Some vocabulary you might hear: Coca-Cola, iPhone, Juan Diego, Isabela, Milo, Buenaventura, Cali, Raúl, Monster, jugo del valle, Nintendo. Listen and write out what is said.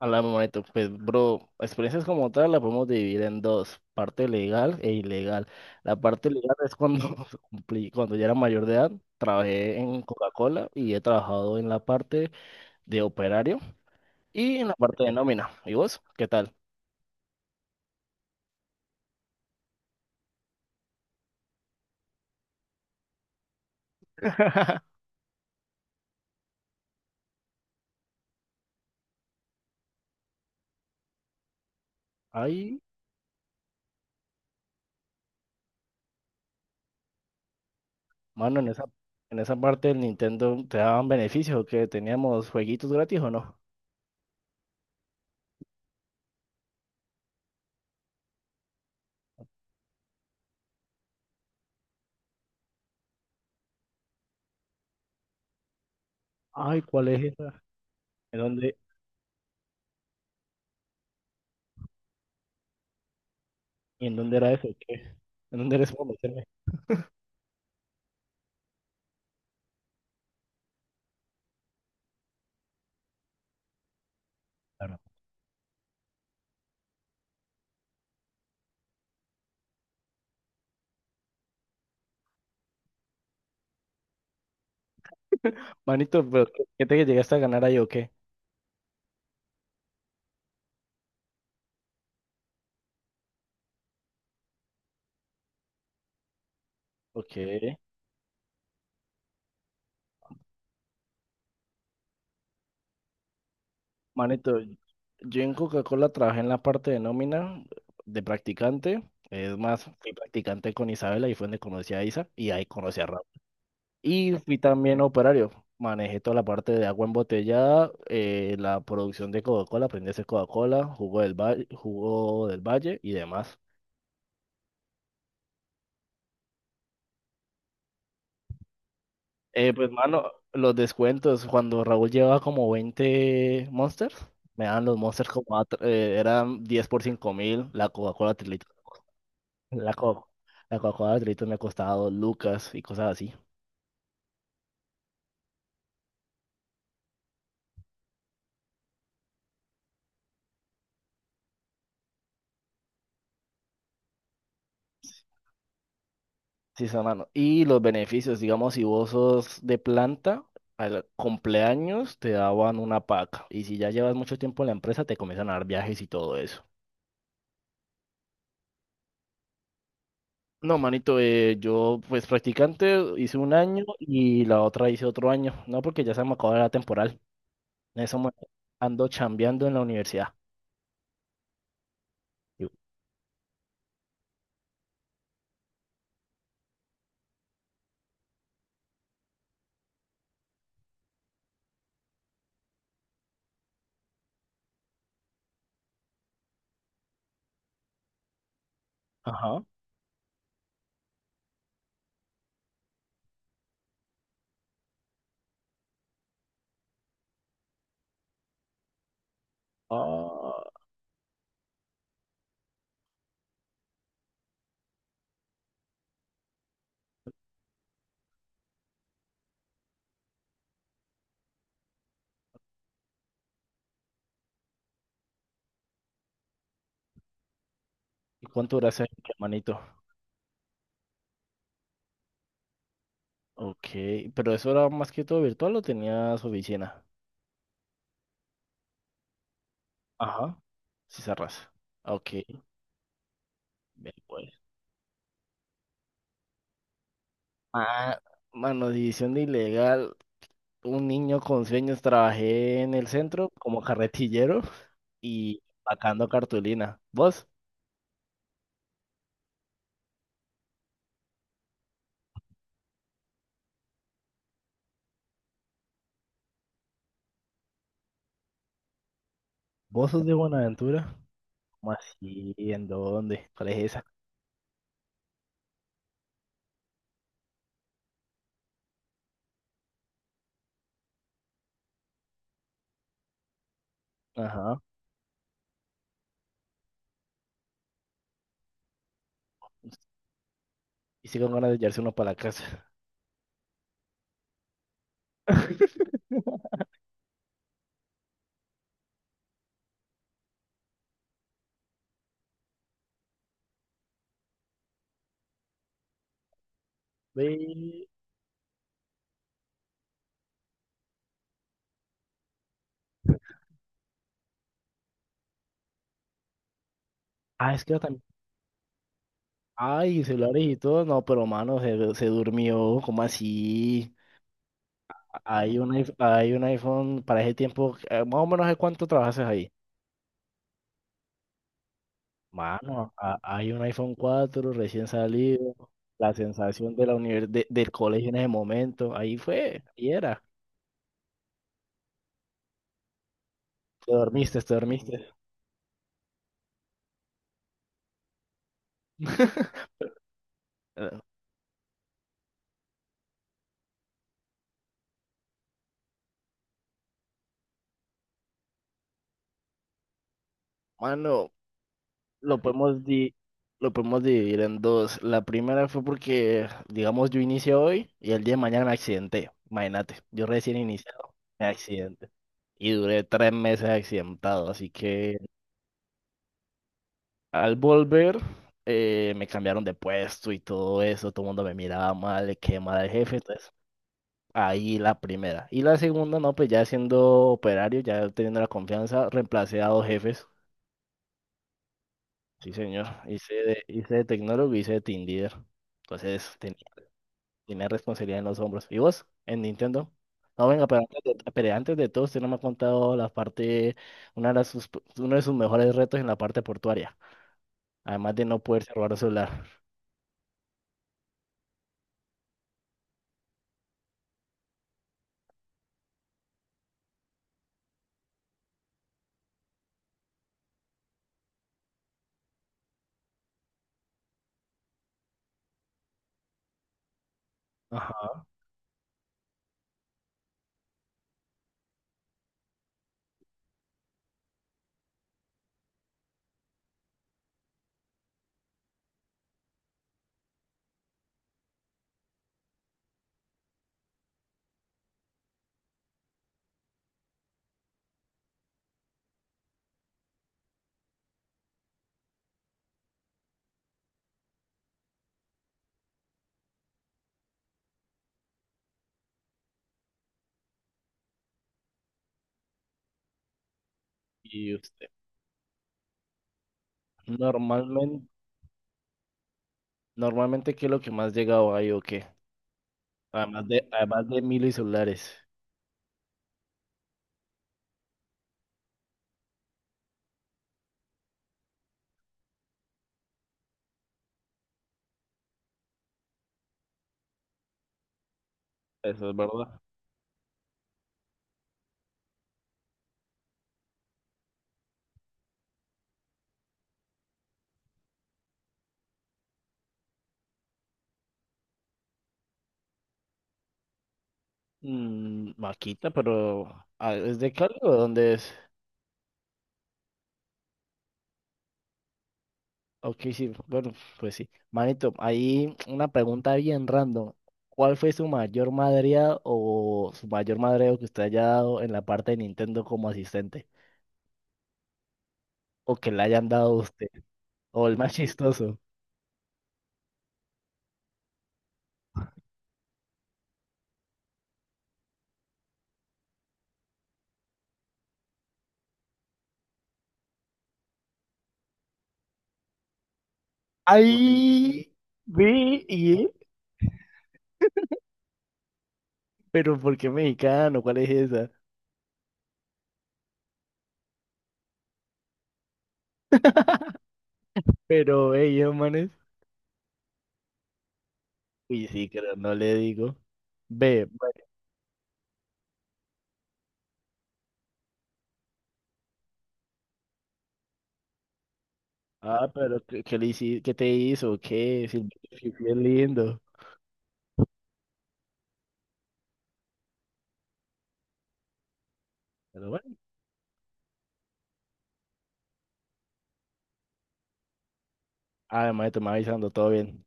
Hablamos, manito. Pues, bro, experiencias como tal la podemos dividir en dos, parte legal e ilegal. La parte legal es cuando cumplí, cuando ya era mayor de edad, trabajé en Coca-Cola y he trabajado en la parte de operario y en la parte de nómina. ¿Y vos? ¿Qué tal? Ahí, mano, en esa parte del Nintendo te daban beneficios que teníamos jueguitos gratis o no. Ay, ¿cuál es esa? ¿En dónde, en dónde era eso? ¿Qué? ¿En dónde eres para meterme? Claro. Manito, pero ¿qué te llegaste a ganar ahí o qué? Ok. Manito, yo en Coca-Cola trabajé en la parte de nómina de practicante. Es más, fui practicante con Isabela y fue donde conocí a Isa y ahí conocí a Raúl. Y fui también operario. Manejé toda la parte de agua embotellada, la producción de Coca-Cola, aprendí a hacer Coca-Cola, jugo del valle y demás. Pues, mano, los descuentos, cuando Raúl llevaba como 20 Monsters, me daban los Monsters eran 10 por 5.000, la Coca-Cola 3. La co- la Coca-Cola de litro me ha costado lucas y cosas así. Sí, sí, hermano. Y los beneficios, digamos, si vos sos de planta, al cumpleaños te daban una paca. Y si ya llevas mucho tiempo en la empresa, te comienzan a dar viajes y todo eso. No, manito, yo pues practicante hice un año y la otra hice otro año. No, porque ya se me acabó la temporal. En eso me- Ando chambeando en la universidad. Y- Ajá. Ah, ¿y cuánto duraste, manito? Ok, pero eso era más que todo virtual o tenías oficina. Ajá, si cerras. Ok, ve pues. Ah, mano, división de ilegal, un niño con sueños, trabajé en el centro como carretillero y sacando cartulina. ¿Vos? ¿Vos sos de Buenaventura? ¿Cómo así? ¿En dónde? ¿Cuál es esa? Ajá. Y sí con ganas de llevarse uno para la casa. Ve. Ah, es que también. Ay, celulares y todo. No, pero mano, se durmió. ¿Cómo así? Hay un iPhone para ese tiempo, más o menos ¿de cuánto trabajaste ahí? Mano, hay un iPhone 4 recién salido, la sensación de la univers- de- del colegio en ese momento, ahí fue, ahí era. Te dormiste, te dormiste. Eh, Mano, lo podemos di- lo podemos dividir en dos. La primera fue porque, digamos, yo inicié hoy y el día de mañana me accidenté. Imagínate, yo recién iniciado, me accidenté. Y duré 3 meses accidentado, así que al volver, me cambiaron de puesto y todo eso, todo el mundo me miraba mal, le quedé mal al jefe, entonces ahí la primera. Y la segunda, no, pues ya siendo operario, ya teniendo la confianza, reemplacé a dos jefes, sí señor, hice de tecnólogo y hice de team leader, entonces tenía responsabilidad en los hombros. ¿Y vos, en Nintendo? No, venga, pero antes de todo, usted no me ha contado la parte, una de las sus- uno de sus mejores retos en la parte portuaria, además de no poderse robar un celular. Ajá. ¿Y usted? Normalmente, normalmente, ¿qué es lo que más llegado hay o qué? Además de Milo y celulares. Eso es verdad. Maquita, pero ah, ¿es de Cali o de dónde es? Ok, sí, bueno, pues sí. Manito, ahí una pregunta bien random. ¿Cuál fue su mayor madreada o su mayor madreo que usted haya dado en la parte de Nintendo como asistente? O que le hayan dado a usted. O el más chistoso. Ahí. Ve, y pero ¿por qué mexicano? ¿Cuál es esa? Pero ellos, manes. Uy, sí, pero no le digo. Ve, bueno, ah, pero qué te hizo? ¿Qué? Si, si fue lindo. Pero bueno, además te me avisando, todo bien.